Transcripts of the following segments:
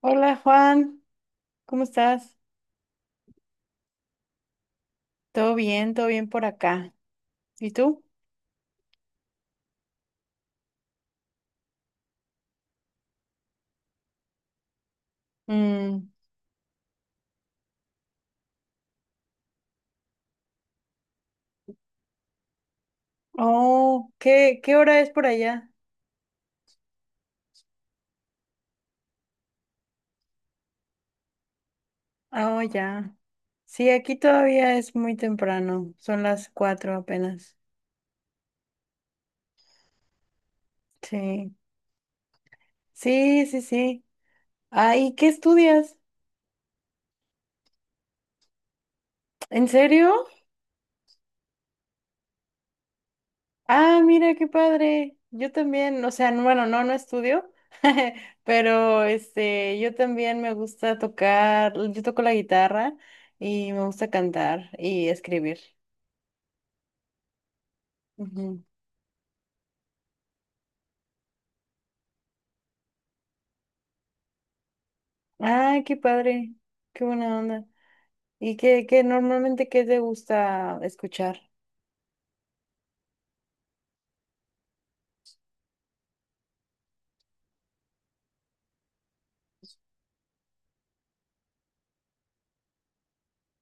Hola Juan, ¿cómo estás? Todo bien por acá. ¿Y tú? Mm, Oh, ¿qué hora es por allá? Ah, Oh, ya. Sí, aquí todavía es muy temprano, son las 4 apenas. Sí, sí, sí, sí. Ah, ¿y qué estudias? ¿En serio? Ah, mira, qué padre. Yo también, o sea, bueno, no, no estudio, pero este, yo también me gusta tocar, yo toco la guitarra y me gusta cantar y escribir. Ujú. Ah, qué padre, qué buena onda. ¿Y qué normalmente qué te gusta escuchar?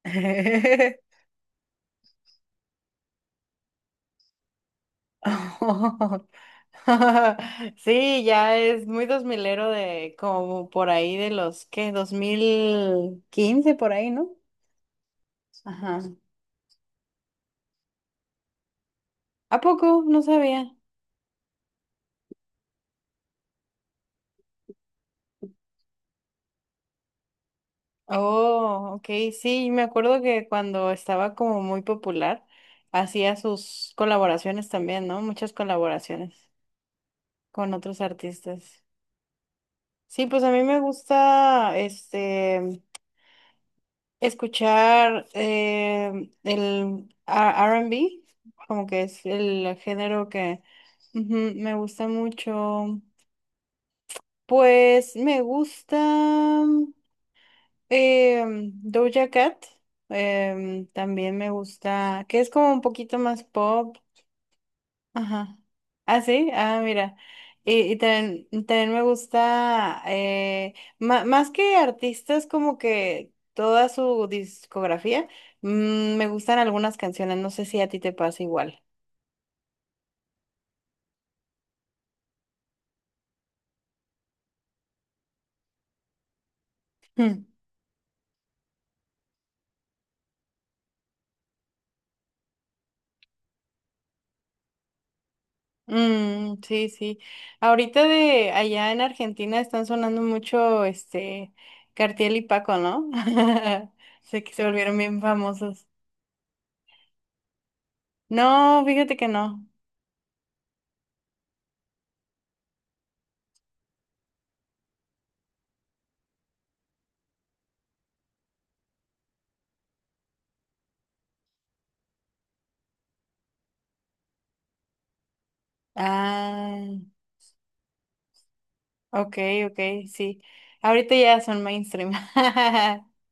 Oh. Sí, ya es muy dos milero de como por ahí de los que 2015 por ahí, ¿no? Ajá. ¿A poco? No sabía. Oh, ok, sí, me acuerdo que cuando estaba como muy popular, hacía sus colaboraciones también, ¿no? Muchas colaboraciones con otros artistas. Sí, pues a mí me gusta este escuchar el R&B como que es el género que ujú, me gusta mucho. Pues me gusta. Eh, Doja Cat, también me gusta, que es como un poquito más pop. Ajá. Ah, sí, ah, mira. Y también, también me gusta, más que artistas, como que toda su discografía, me gustan algunas canciones, no sé si a ti te pasa igual. Mm, sí, sí. Ahorita de allá en Argentina están sonando mucho este Cartiel y Paco, ¿no? Sé que se volvieron bien famosos. No, fíjate que no. Ah, ok, ok, sí. Ahorita ya son mainstream.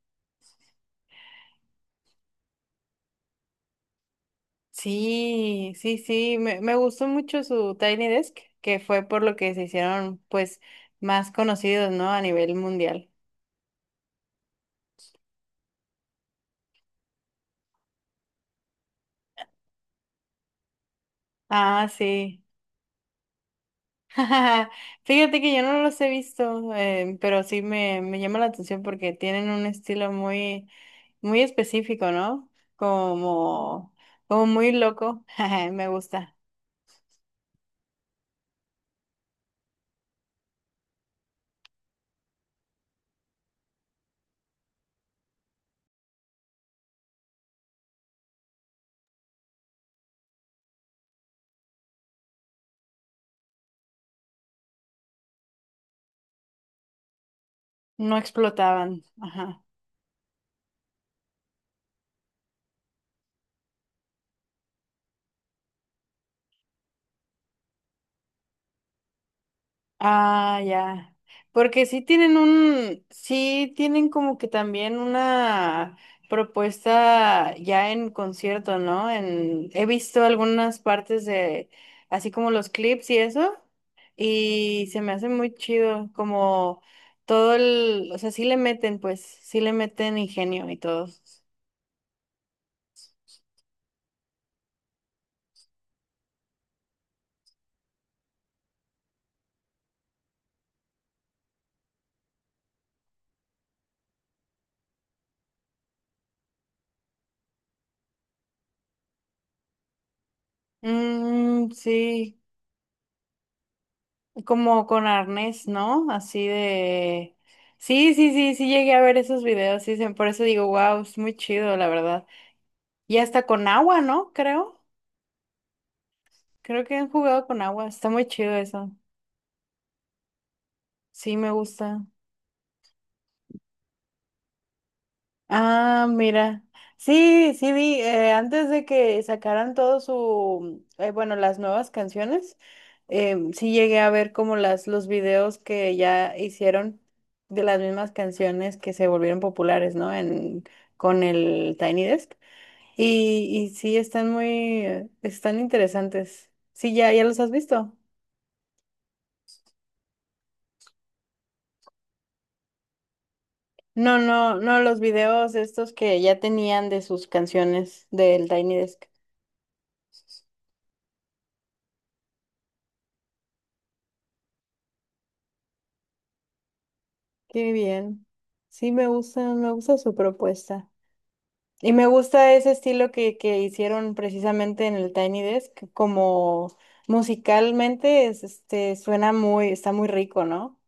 Sí, sí, sí. Me gustó mucho su Tiny Desk, que fue por lo que se hicieron, pues, más conocidos, ¿no? A nivel mundial. Ah, sí. Fíjate que yo no los he visto, pero sí me llama la atención porque tienen un estilo muy, muy específico, ¿no? Como, como muy loco. Me gusta. No explotaban. Ajá. Ah, ya. Porque sí tienen como que también una propuesta ya en concierto, ¿no? He visto algunas partes de, así como los clips y eso. Y se me hace muy chido, como todo el, o sea, sí le meten, pues, sí le meten ingenio y todo. Mm, sí, como con arnés, ¿no? Así de. Sí, sí, sí, sí llegué a ver esos videos, sí, por eso digo, wow, es muy chido, la verdad. Y hasta con agua, ¿no? Creo que han jugado con agua, está muy chido eso. Sí, me gusta. Ah, mira. Sí, sí vi, antes de que sacaran todo su, bueno, las nuevas canciones, sí llegué a ver como los videos que ya hicieron de las mismas canciones que se volvieron populares, ¿no? Con el Tiny Desk. Y sí, están están interesantes. Sí, ya los has visto. No, no, no, los videos estos que ya tenían de sus canciones del Tiny Desk. Qué bien. Sí, me gusta su propuesta. Y me gusta ese estilo que hicieron precisamente en el Tiny Desk, como musicalmente es, este, suena muy, está muy rico, ¿no?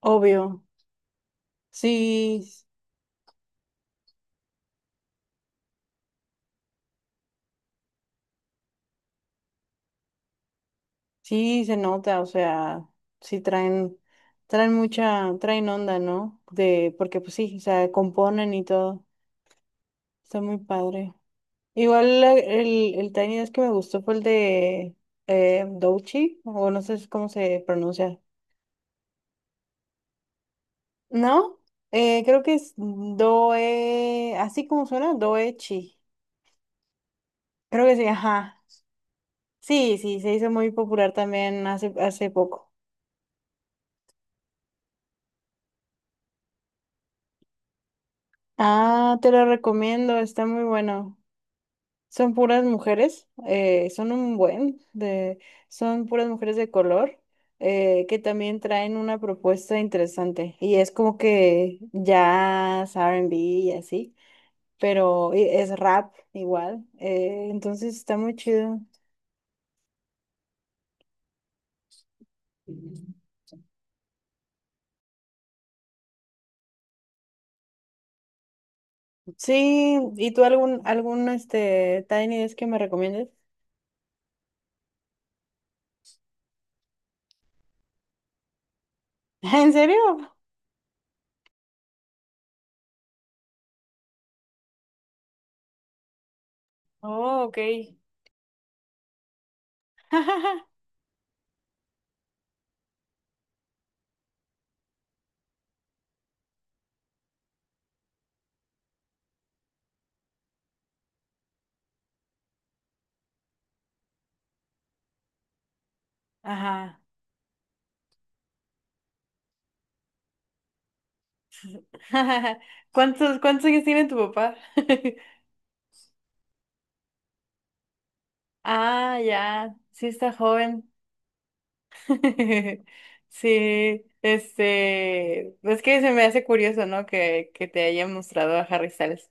Obvio. Sí, sí se nota, o sea, sí traen traen onda, ¿no? Porque pues sí, o sea, componen y todo. Está muy padre. Igual el Tiny Desk que me gustó fue el de Douchi, o no sé cómo se pronuncia. ¿No? Creo que es Doe, así como suena, Doechi. Creo que sí, ajá. Sí, sí, se hizo muy popular también hace poco. Ah, te lo recomiendo, está muy bueno. Son puras mujeres, son puras mujeres de color, que también traen una propuesta interesante. Y es como que jazz, R&B y así, pero y es rap igual. Entonces está muy chido. Sí, ¿y tú algún este Tiny Desk que me recomiendes? ¿En serio? Oh, ok. Ajá. ¿Cuántos años tiene tu papá? Ah, ya, sí está joven. Sí, este, es que se me hace curioso, ¿no? Que te hayan mostrado a Harry Styles.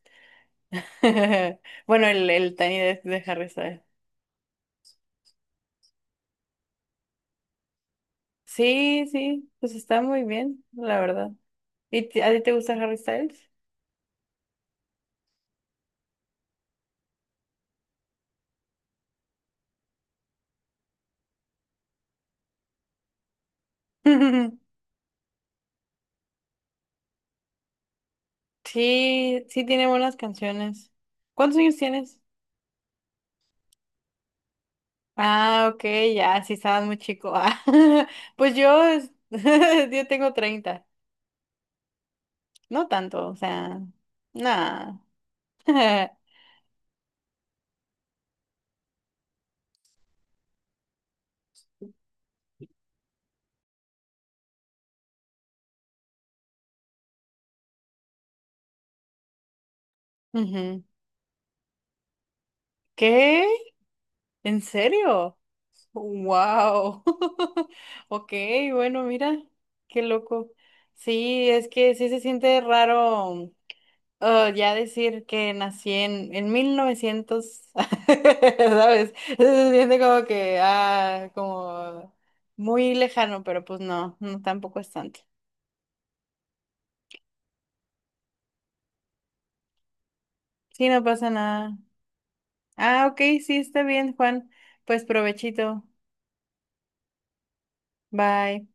Bueno, el, el, Tiny Desk de Harry Styles. Sí, sí, pues está muy bien, la verdad. ¿Y a ti te gusta Harry Styles? Sí, sí tiene buenas canciones. ¿Cuántos años tienes? Ah, ok, ya, sí estabas muy chico. Ah, pues yo tengo 30. No tanto, o sea, nada. Ujú. ¿Qué? ¿En serio? Wow. Ok, bueno, mira, qué loco. Sí, es que sí se siente raro ya decir que nací en 1900 ¿sabes? Se siente como que, como muy lejano, pero pues no, no, tampoco es tanto. Sí, no pasa nada. Ah, ok, sí, está bien, Juan. Pues provechito. Bye.